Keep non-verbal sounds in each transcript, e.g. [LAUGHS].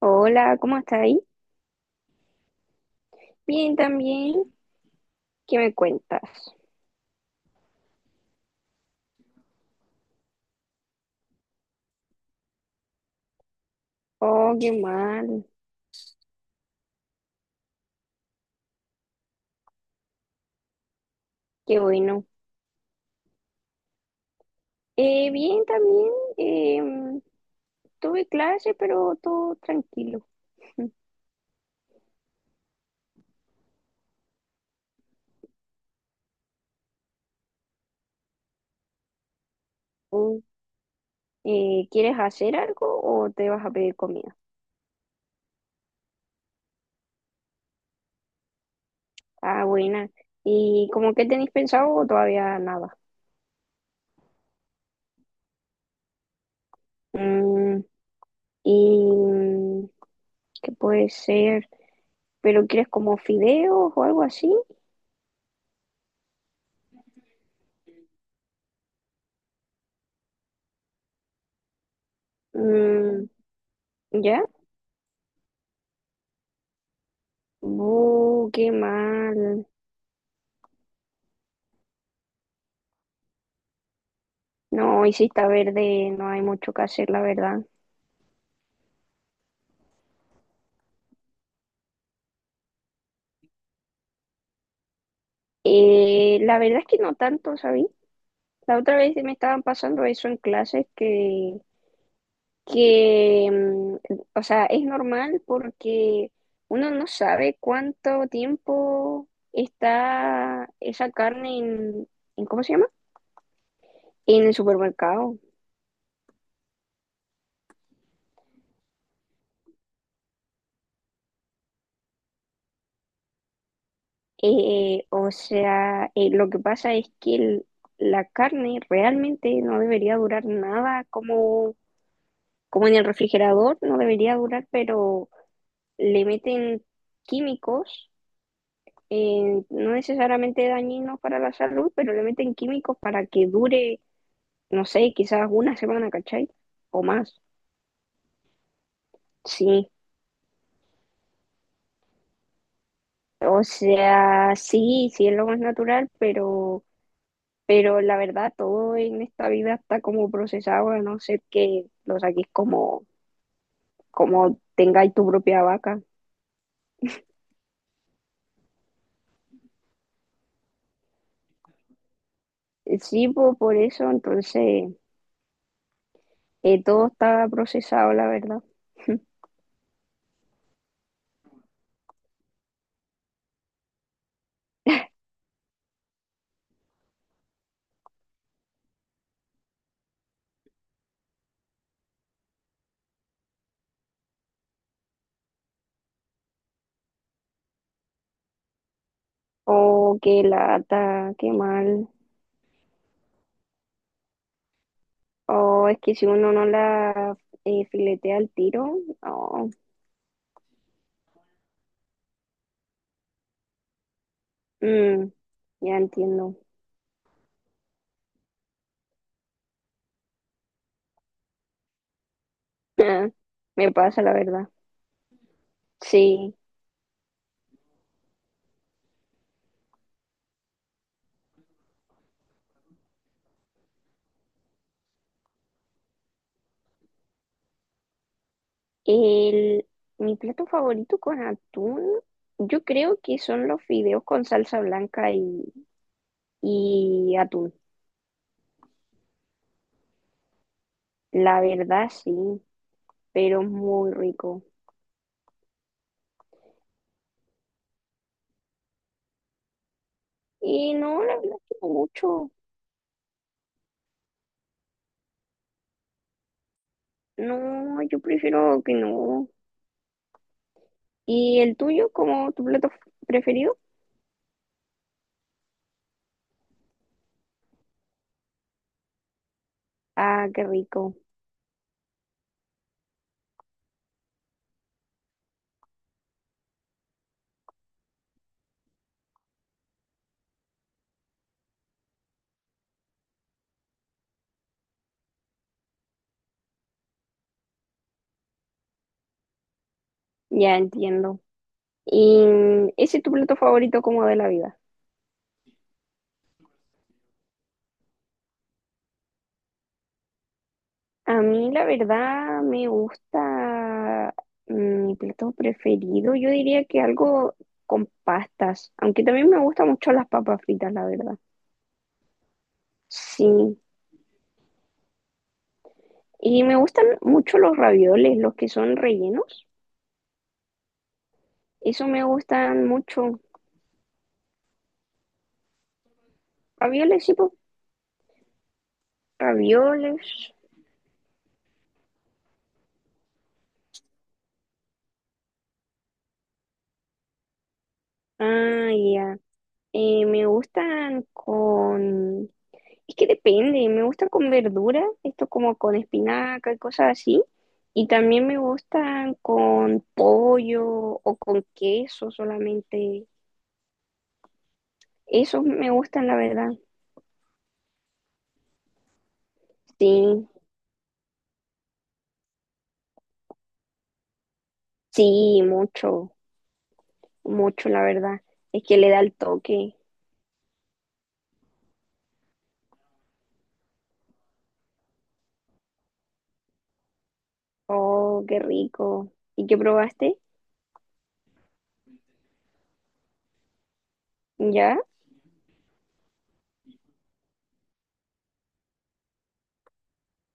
Hola, ¿cómo estás ahí? Bien, también. ¿Qué me cuentas? Oh, qué mal. Qué bueno. Bien, también. em, Tuve clase, pero todo tranquilo. Mm. ¿Quieres hacer algo o te vas a pedir comida? Ah, buena. ¿Y cómo qué tenéis pensado o todavía nada? Mm, ¿Y qué puede ser? ¿Pero quieres como fideos o algo así? Mm, ¿ya? Qué mal. No, hoy si está verde, no hay mucho que hacer, la verdad. La verdad es que no tanto, ¿sabí? La otra vez me estaban pasando eso en clases que, o sea, es normal porque uno no sabe cuánto tiempo está esa carne en, ¿cómo se llama? En el supermercado. O sea, lo que pasa es que la carne realmente no debería durar nada como en el refrigerador, no debería durar, pero le meten químicos, no necesariamente dañinos para la salud, pero le meten químicos para que dure, no sé, quizás una semana, ¿cachai? O más, sí. O sea, sí, sí es lo más natural, pero la verdad todo en esta vida está como procesado, a no ser que lo saques como tengáis tu propia vaca. Sí, po, por eso, entonces, todo estaba procesado, la verdad. O qué lata, qué mal. O es que si uno no la filetea al tiro, no. Mm, ya entiendo. [LAUGHS] Me pasa, la verdad. Sí. El, mi plato favorito con atún, yo creo que son los fideos con salsa blanca y atún. La verdad, sí, pero es muy rico. Y no, la verdad que no mucho. No, yo prefiero que no. ¿Y el tuyo como tu plato preferido? Ah, qué rico. Ya entiendo. ¿Y ese es tu plato favorito como de la vida? A mí la verdad me gusta mi plato preferido. Yo diría que algo con pastas, aunque también me gustan mucho las papas fritas, la verdad. Sí. Y me gustan mucho los ravioles, los que son rellenos. Eso me gustan mucho. Ravioles, sí, pues. Ravioles. Ah, ya. Me gustan con... Es que depende, me gustan con verdura, esto como con espinaca y cosas así. Y también me gustan con pollo o con queso solamente. Esos me gustan, la verdad. Sí, sí, mucho, mucho, la verdad. Es que le da el toque. Oh, qué rico. ¿Y qué probaste? ¿Ya?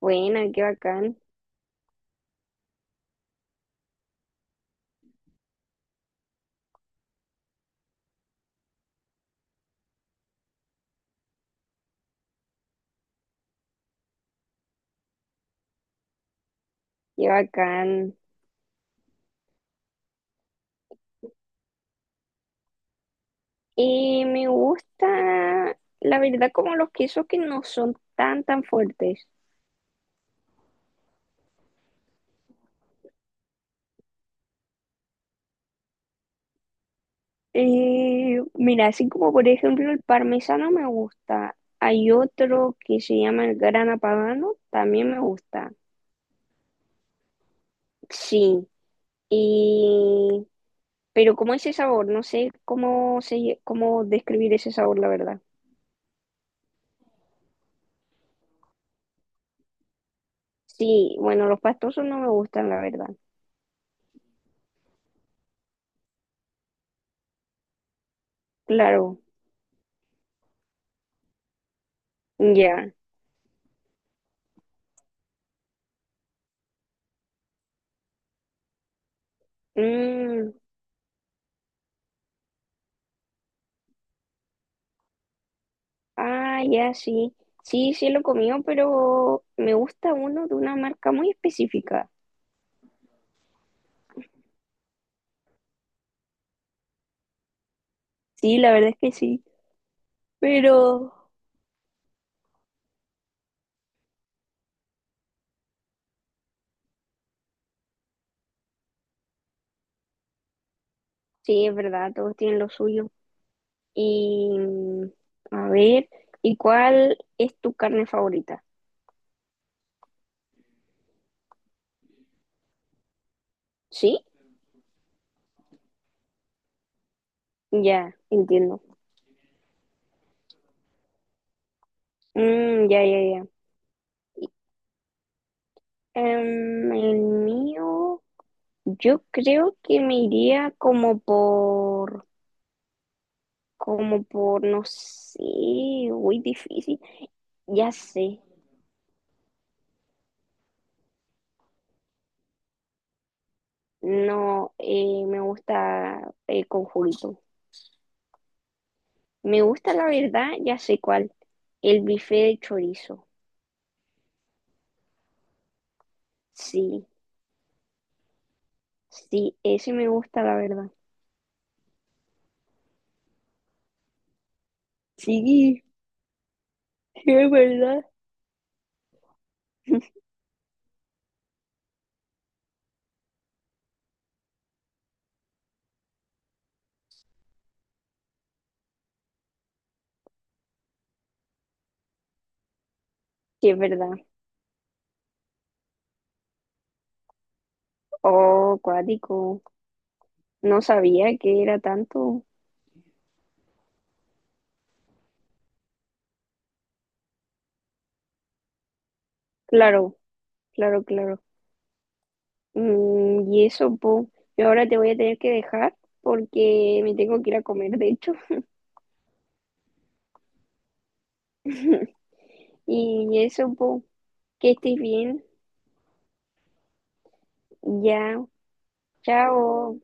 Buena, qué bacán, qué bacán. Y me gusta, la verdad, como los quesos que no son tan, tan fuertes. Mira, así como por ejemplo el parmesano me gusta. Hay otro que se llama el grana padano, también me gusta. Sí, y... pero como ese sabor, no sé cómo, se, cómo describir ese sabor, la verdad. Sí, bueno, los pastosos no me gustan, la verdad. Claro, ya. Mm, ah, ya, sí. Sí, sí lo he comido, pero me gusta uno de una marca muy específica. Sí, la verdad es que sí. Pero sí, es verdad, todos tienen lo suyo. Y a ver, ¿y cuál es tu carne favorita? ¿Sí? Ya, entiendo. Mm, ya, ya, ya. Y, el mío, yo creo que me iría como por, como por, no sé, muy difícil. Ya sé. No, me gusta con juguito. Me gusta, la verdad, ya sé cuál. El bife de chorizo. Sí, sí, ese me gusta, la verdad. Sí, [LAUGHS] sí, es verdad. [LAUGHS] Sí, es verdad. Oh, cuático. No sabía que era tanto. Claro, claro, claro. Mm, y eso, po. Yo ahora te voy a tener que dejar porque me tengo que ir a comer, de hecho. [LAUGHS] Y eso, po. Que estés bien. Ya. Chao.